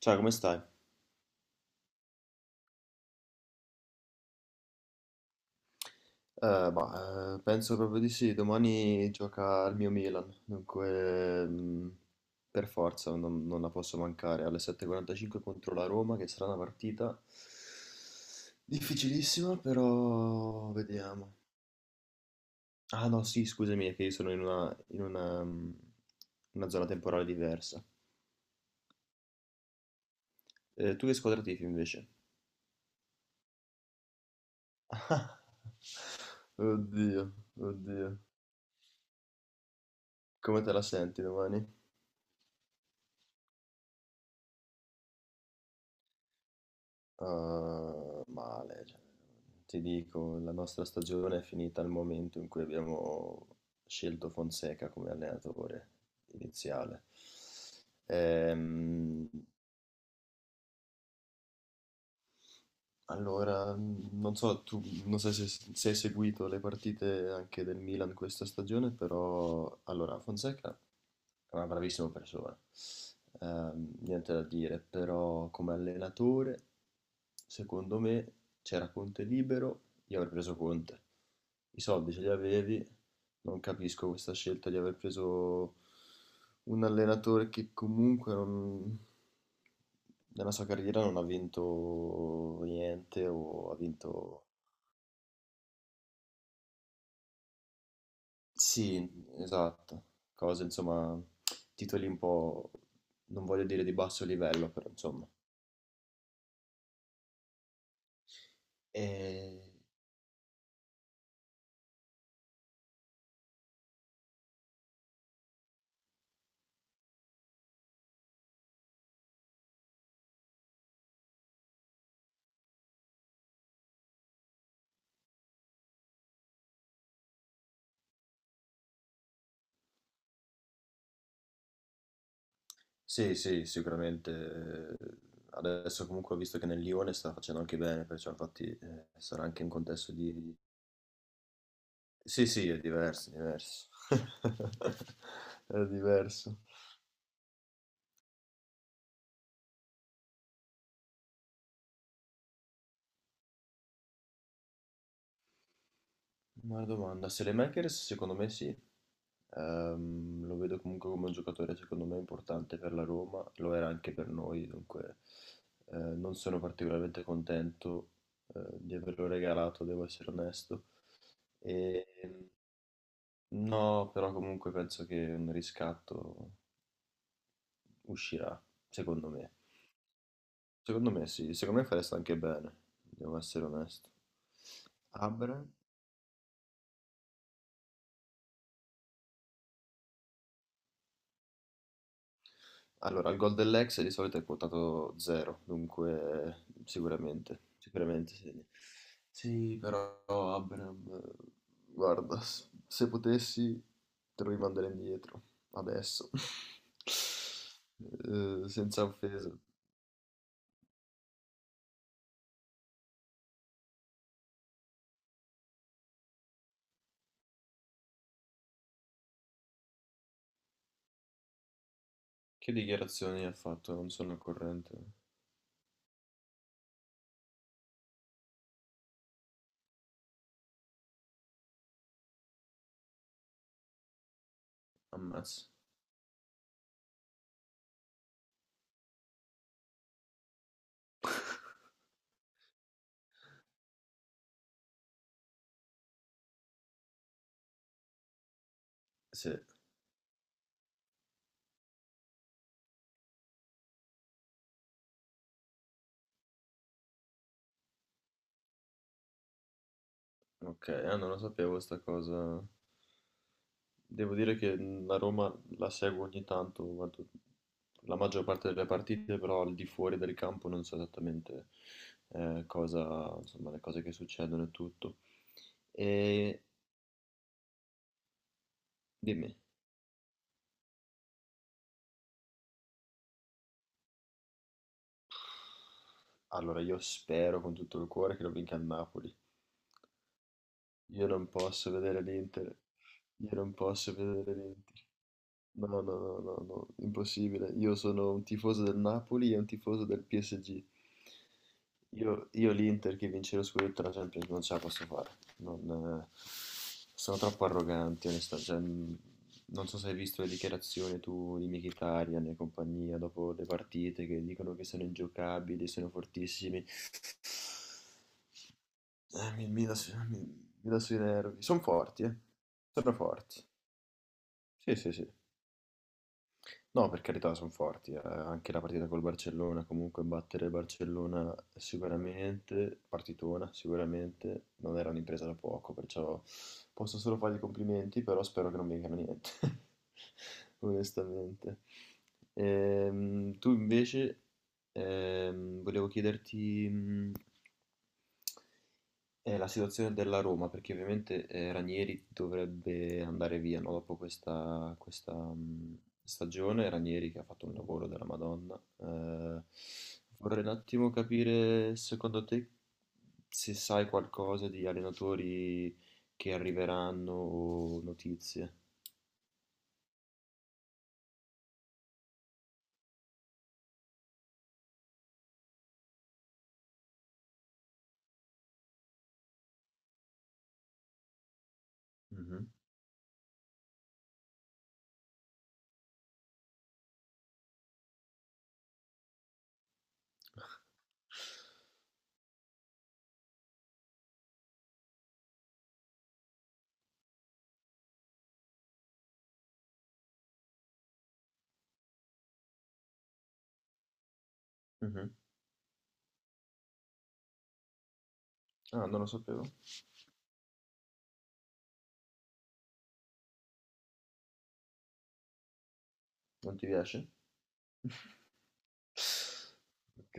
Ciao, come stai? Penso proprio di sì, domani gioca il mio Milan, dunque per forza non la posso mancare alle 7:45 contro la Roma, che sarà una partita difficilissima, però vediamo. Ah no, sì, scusami, è che io sono in una, una zona temporale diversa. Tu che squadra tifi invece? Oddio, oddio, come te la senti domani? Male, cioè, ti dico, la nostra stagione è finita al momento in cui abbiamo scelto Fonseca come allenatore iniziale. Ehm, Allora, non so, tu non so se hai seguito le partite anche del Milan questa stagione, però allora Fonseca è una bravissima persona, niente da dire, però come allenatore, secondo me, c'era Conte libero, io avrei preso Conte. I soldi ce li avevi, non capisco questa scelta di aver preso un allenatore che comunque non, nella sua carriera non ha vinto niente o ha vinto... Sì, esatto, cose insomma, titoli un po', non voglio dire di basso livello, però insomma. E... Sì, sì, sicuramente. Adesso comunque ho visto che nel Lione sta facendo anche bene, perciò infatti sarà anche un contesto di... Sì, sì, è diverso, è diverso. È diverso. Buona domanda. Makers secondo me sì. Lo vedo comunque come un giocatore secondo me importante per la Roma, lo era anche per noi, dunque non sono particolarmente contento di averlo regalato, devo essere onesto. E, no, però comunque penso che un riscatto uscirà, secondo me. Secondo me sì, secondo me fareste anche bene, devo essere onesto. Abra? Allora, il gol dell'ex di solito è quotato 0, dunque sicuramente, sicuramente sì. Sì, però Abraham, guarda, se potessi te lo rimanderei indietro, adesso. Senza offesa. Che dichiarazioni ha fatto? Non sono al corrente. Ammazza. Sì, ok, ah, non lo sapevo sta cosa. Devo dire che la Roma la seguo ogni tanto, guardo la maggior parte delle partite, però al di fuori del campo non so esattamente cosa, insomma, le cose che succedono e tutto. E dimmi, allora io spero con tutto il cuore che lo vinca il Napoli. Io non posso vedere l'Inter, io non posso vedere l'Inter. No, no, no, no, no, impossibile. Io sono un tifoso del Napoli e un tifoso del PSG. Io l'Inter che vince lo scudetto alla Champions non ce la posso fare. Non, sono troppo arroganti, onestamente. Cioè, non so se hai visto le dichiarazioni tu di Mkhitaryan e compagnia dopo le partite che dicono che sono ingiocabili, sono fortissimi. Eh, mi, mi dà su- mi- mi dà sui nervi. Sono forti, eh. Sono forti. Sì, sì, sì. No, per carità, sono forti. Anche la partita col Barcellona, comunque battere il Barcellona sicuramente, partitona sicuramente, non era un'impresa da poco, perciò posso solo fargli i complimenti, però spero che non mi vengano niente, onestamente. Tu invece, volevo chiederti, la situazione della Roma, perché ovviamente Ranieri dovrebbe andare via, no? Dopo questa, stagione. Ranieri che ha fatto un lavoro della Madonna. Vorrei un attimo capire, secondo te, se sai qualcosa di allenatori che arriveranno o notizie. Mhm. Mhm. Ah, non lo sapevo. Non ti piace? Ok.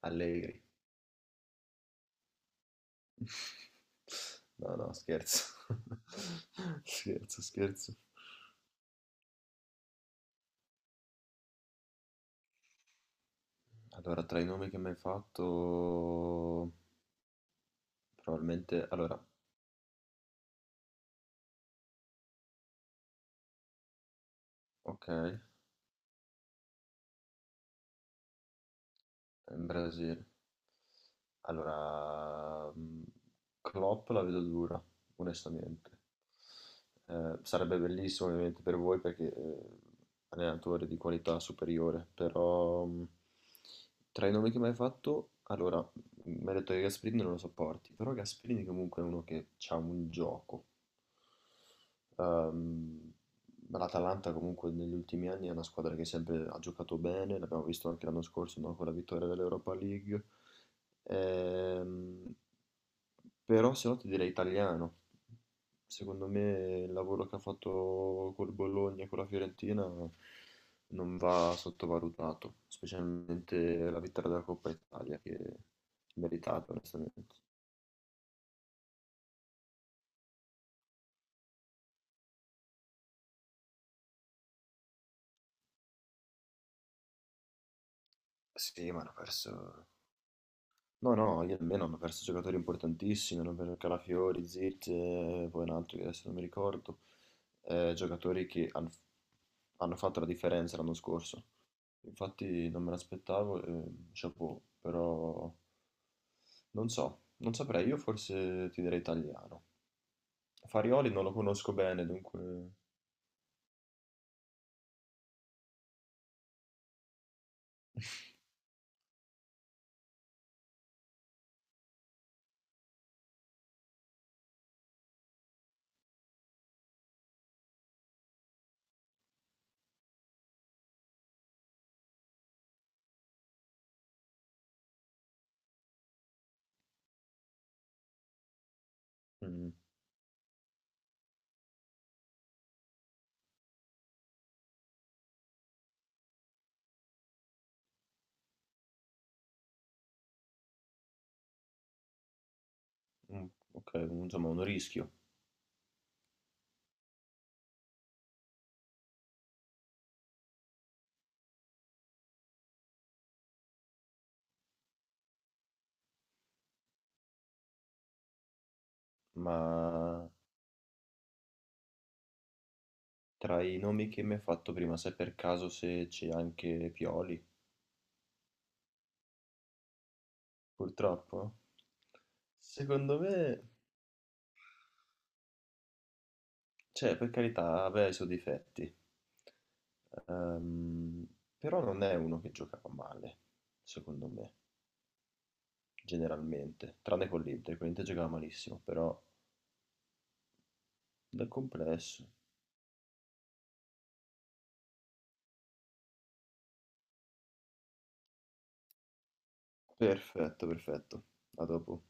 Allegri. No, no, scherzo. Scherzo, scherzo. Allora, tra i nomi che mi hai fatto, probabilmente... Allora, ok, in Brasile. Allora, Klopp la vedo dura, onestamente. Sarebbe bellissimo ovviamente per voi perché, allenatore di qualità superiore, però, tra i nomi che m'hai fatto, allora, mi hai detto che Gasperini non lo sopporti, però Gasperini comunque è uno che c'ha un gioco. Ehm, L'Atalanta comunque negli ultimi anni è una squadra che sempre ha giocato bene, l'abbiamo visto anche l'anno scorso, no, con la vittoria dell'Europa League. Ehm, Però se no ti direi italiano. Secondo me il lavoro che ha fatto col Bologna e con la Fiorentina non va sottovalutato, specialmente la vittoria della Coppa Italia che è meritata onestamente. Sì, ma hanno perso. No, no, io almeno hanno perso giocatori importantissimi, hanno perso Calafiori, Zirze, poi un altro che adesso non mi ricordo, giocatori che hanno fatto la differenza l'anno scorso. Infatti non me l'aspettavo, chapeau, però non so, non saprei, io forse ti direi italiano. Farioli non lo conosco bene, dunque mm, ok, insomma un rischio, ma tra i nomi che mi hai fatto prima, sai per caso se c'è anche Pioli? Purtroppo? Secondo me, cioè, per carità, aveva i suoi difetti. Ehm, Però non è uno che giocava male, secondo me, generalmente, tranne con l'Inter giocava malissimo, però dal complesso. Perfetto, perfetto. A dopo.